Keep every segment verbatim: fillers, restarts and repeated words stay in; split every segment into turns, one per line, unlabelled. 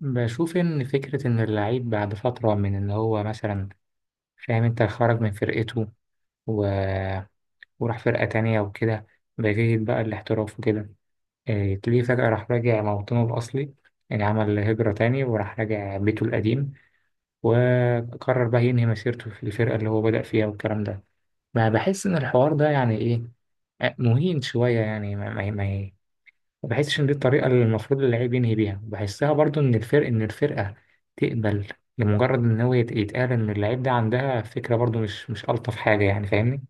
بشوف إن فكرة إن اللعيب بعد فترة من إن هو مثلا فاهم، أنت خرج من فرقته و... وراح فرقة تانية وكده، بيجي بقى الاحتراف وكده، إيه، تلاقيه فجأة راح راجع موطنه الأصلي. يعني عمل هجرة تاني وراح راجع بيته القديم، وقرر بقى ينهي مسيرته في الفرقة اللي هو بدأ فيها والكلام ده. ما بحس إن الحوار ده يعني إيه. آه، مهين شوية يعني. ما, ما, ما ما بحسش ان دي الطريقه اللي المفروض اللعيب ينهي بيها. بحسها برضو ان الفرق، ان الفرقه تقبل لمجرد ان هو يت- يتقال ان اللعيب ده عندها فكره، برضو مش مش الطف حاجه يعني. فاهمني؟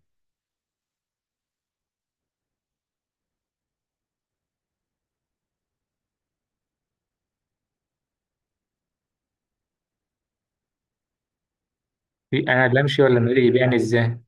في- انا لا امشي ولا مدري يبيعني ازاي.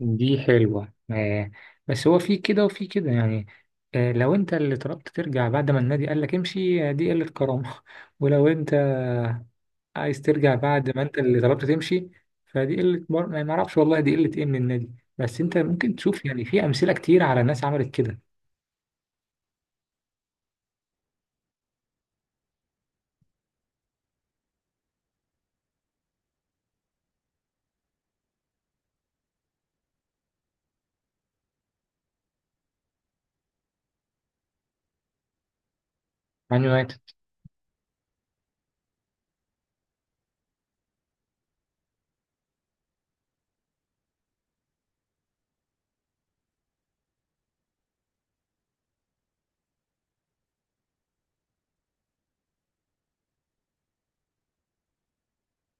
دي حلوه، آه. بس هو في كده وفي كده يعني. آه، لو انت اللي طلبت ترجع بعد ما النادي قال لك امشي، آه، دي قله كرامه ولو انت عايز ترجع بعد ما انت اللي طلبت تمشي، فدي قله بر- ما ما اعرفش والله دي قله ايه من النادي. بس انت ممكن تشوف يعني في امثله كتير على ناس عملت كده. مان يونايتد.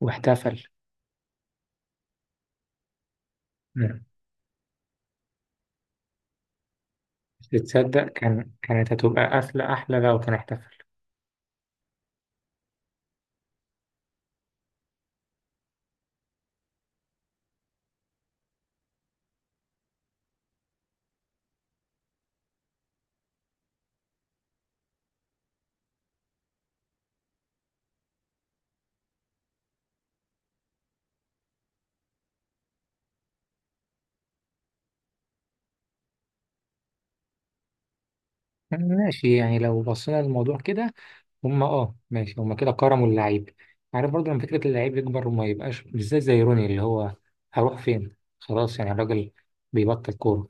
واحتفل. مم. بس تصدق كان كانت هتبقى قفلة أحلى لو كان احتفل. ماشي، يعني لو بصينا للموضوع كده، هما، اه ماشي، هما كده كرموا اللعيب. عارف، برضه لما فكرة اللعيب يكبر وما يبقاش بالذات زي روني، اللي هو هروح فين خلاص يعني الراجل بيبطل كورة.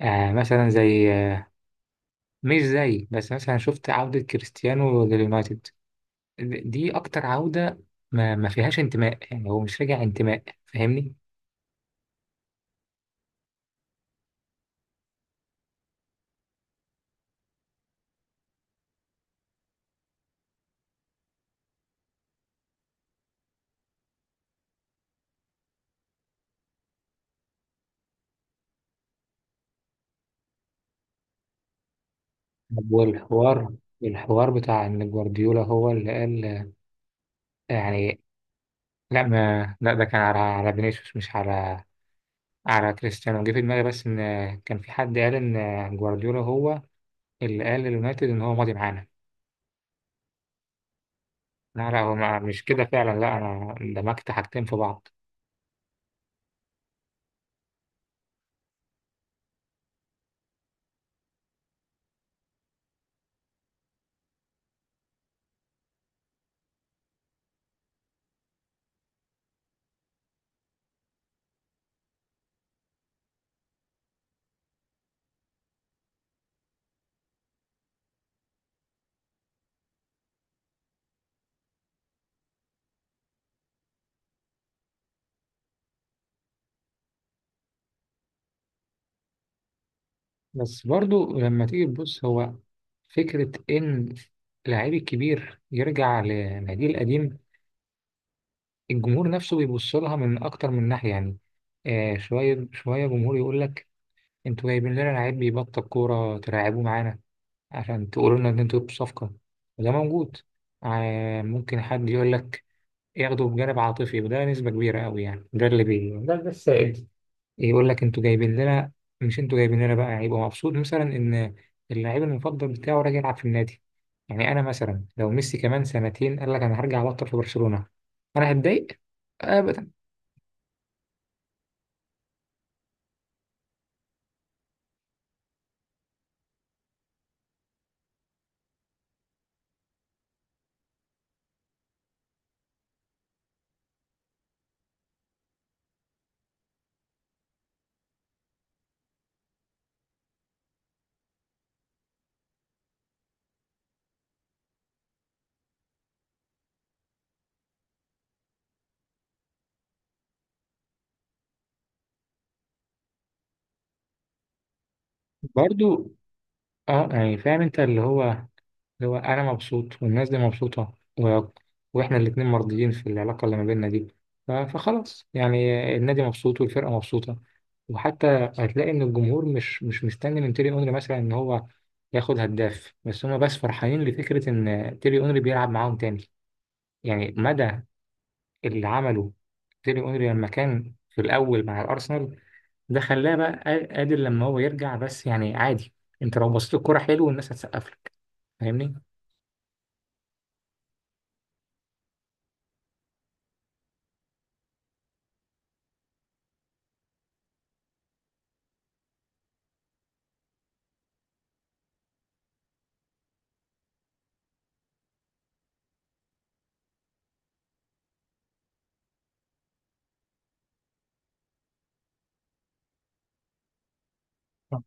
آه مثلا زي آه مش زي، بس مثلا شفت عودة كريستيانو لليونايتد. دي أكتر عودة ما, ما فيهاش انتماء، يعني هو مش راجع انتماء. فاهمني؟ طب والحوار الحوار بتاع ان جوارديولا هو اللي قال، يعني. لا ما لا ده كان على على فينيسيوس، مش على على كريستيانو. جه في دماغي بس ان كان في حد قال ان جوارديولا هو اللي قال لليونايتد ان هو ماضي معانا. لا لا، هو ما- مش كده فعلا، لا، انا دمجت حاجتين في بعض. بس برضو لما تيجي تبص، هو فكرة إن لعيب الكبير يرجع لناديه القديم، الجمهور نفسه بيبص لها من أكتر من ناحية يعني. آه، شوية شوية جمهور يقول لك انتوا جايبين لنا لعيب بيبطل كورة تلعبوه معانا عشان تقولوا لنا ان انتوا جبتوا صفقة، وده موجود. آه، ممكن حد يقول لك ياخده بجانب عاطفي، وده نسبة كبيرة قوي يعني، ده اللي بي ده ده السائد. يقول لك انتوا جايبين لنا. مش انتوا جايبين لنا بقى هيبقى مبسوط مثلا ان اللعيب المفضل بتاعه راجع يلعب في النادي. يعني انا مثلا لو ميسي كمان سنتين قال لك انا هرجع ابطل في برشلونة، انا هتضايق؟ ابدا. برضو اه، يعني فاهم انت اللي هو اللي هو أنا مبسوط والناس دي مبسوطة، و... وإحنا الاتنين مرضيين في العلاقة اللي ما بيننا دي. ف... فخلاص يعني، النادي مبسوط والفرقة مبسوطة. وحتى هتلاقي إن الجمهور مش مش مستني من تيري أونري مثلا إن هو ياخد هداف، بس هما بس فرحانين لفكرة إن تيري أونري بيلعب معاهم تاني. يعني مدى اللي عمله تيري أونري لما كان في الأول مع الأرسنال، ده خلاه بقى قادر لما هو يرجع. بس يعني عادي، أنت لو بصيت الكرة حلو والناس هتسقف لك. فاهمني؟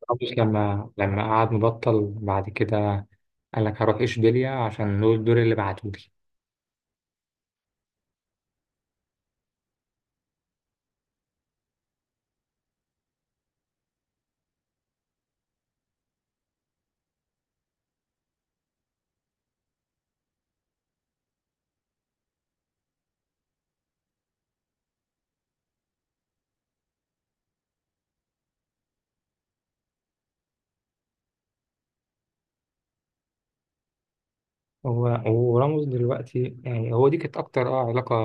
أبوس لما لما قعد مبطل بعد كده قال لك هروح إشبيلية عشان دول الدور اللي بعتولي. هو وراموس دلوقتي، يعني هو دي كانت أكتر اه علاقة.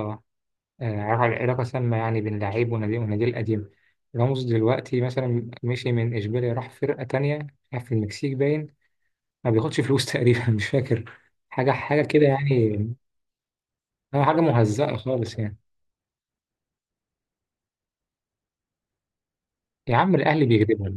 آه، علاقة علاقة سامة يعني بين لعيب ونادي ونادي القديم. راموس دلوقتي مثلا مشي من إشبيلية راح فرقة تانية، راح في المكسيك باين ما بياخدش فلوس تقريبا مش فاكر، حاجة حاجة كده يعني. آه، حاجة مهزأة خالص يعني. يا عم الأهلي بيكذبوا.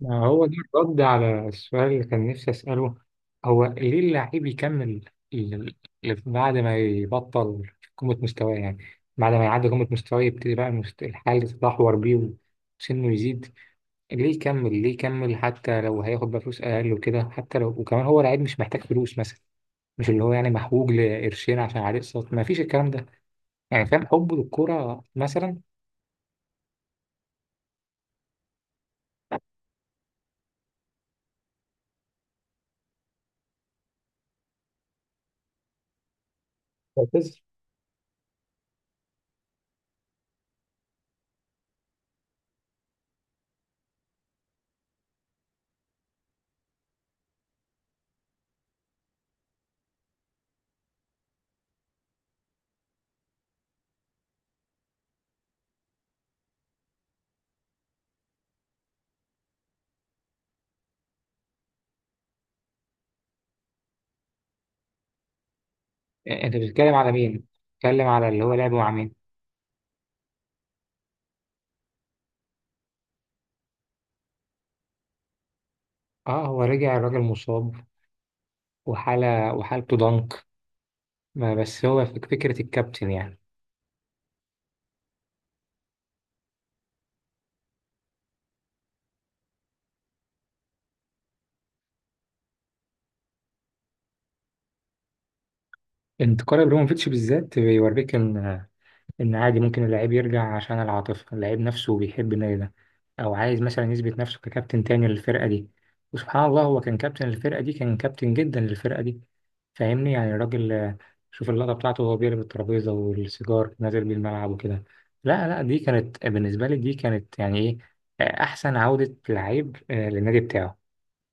ما هو ده الرد على السؤال اللي كان نفسي أسأله. هو ليه اللاعب يكمل ال- ال- بعد ما يبطل قمة مستواه يعني؟ بعد ما يعدي قمة مستواه يبتدي بقى المست- الحال يتدهور بيه وسنه يزيد. ليه يكمل، ليه يكمل، حتى لو هياخد بقى فلوس أقل وكده؟ حتى لو، وكمان هو لعيب مش محتاج فلوس مثلا، مش اللي هو يعني محوج لقرشين عشان عليه اقساط، ما فيش الكلام ده. يعني فاهم حبه للكورة مثلا. معتز. انت بتتكلم على مين؟ بتتكلم على اللي هو لعبه مع مين؟ اه، هو رجع الراجل مصاب، وحالة وحالته ضنك. ما بس هو فك- فكرة الكابتن يعني. انت قارن ابراهيموفيتش بالذات بيوريك، ان إن عادي ممكن اللاعب يرجع عشان العاطفة، اللاعب نفسه بيحب النادي ده، أو عايز مثلا يثبت نفسه ككابتن تاني للفرقة دي. وسبحان الله هو كان كابتن الفرقة دي، كان كابتن جدا للفرقة دي. فاهمني؟ يعني الراجل، آه، شوف اللقطة بتاعته وهو بيقلب الترابيزة والسيجار نازل بيه الملعب وكده. لا لا، دي كانت بالنسبة لي، دي كانت يعني إيه، آه، أحسن عودة لعيب آه، للنادي بتاعه.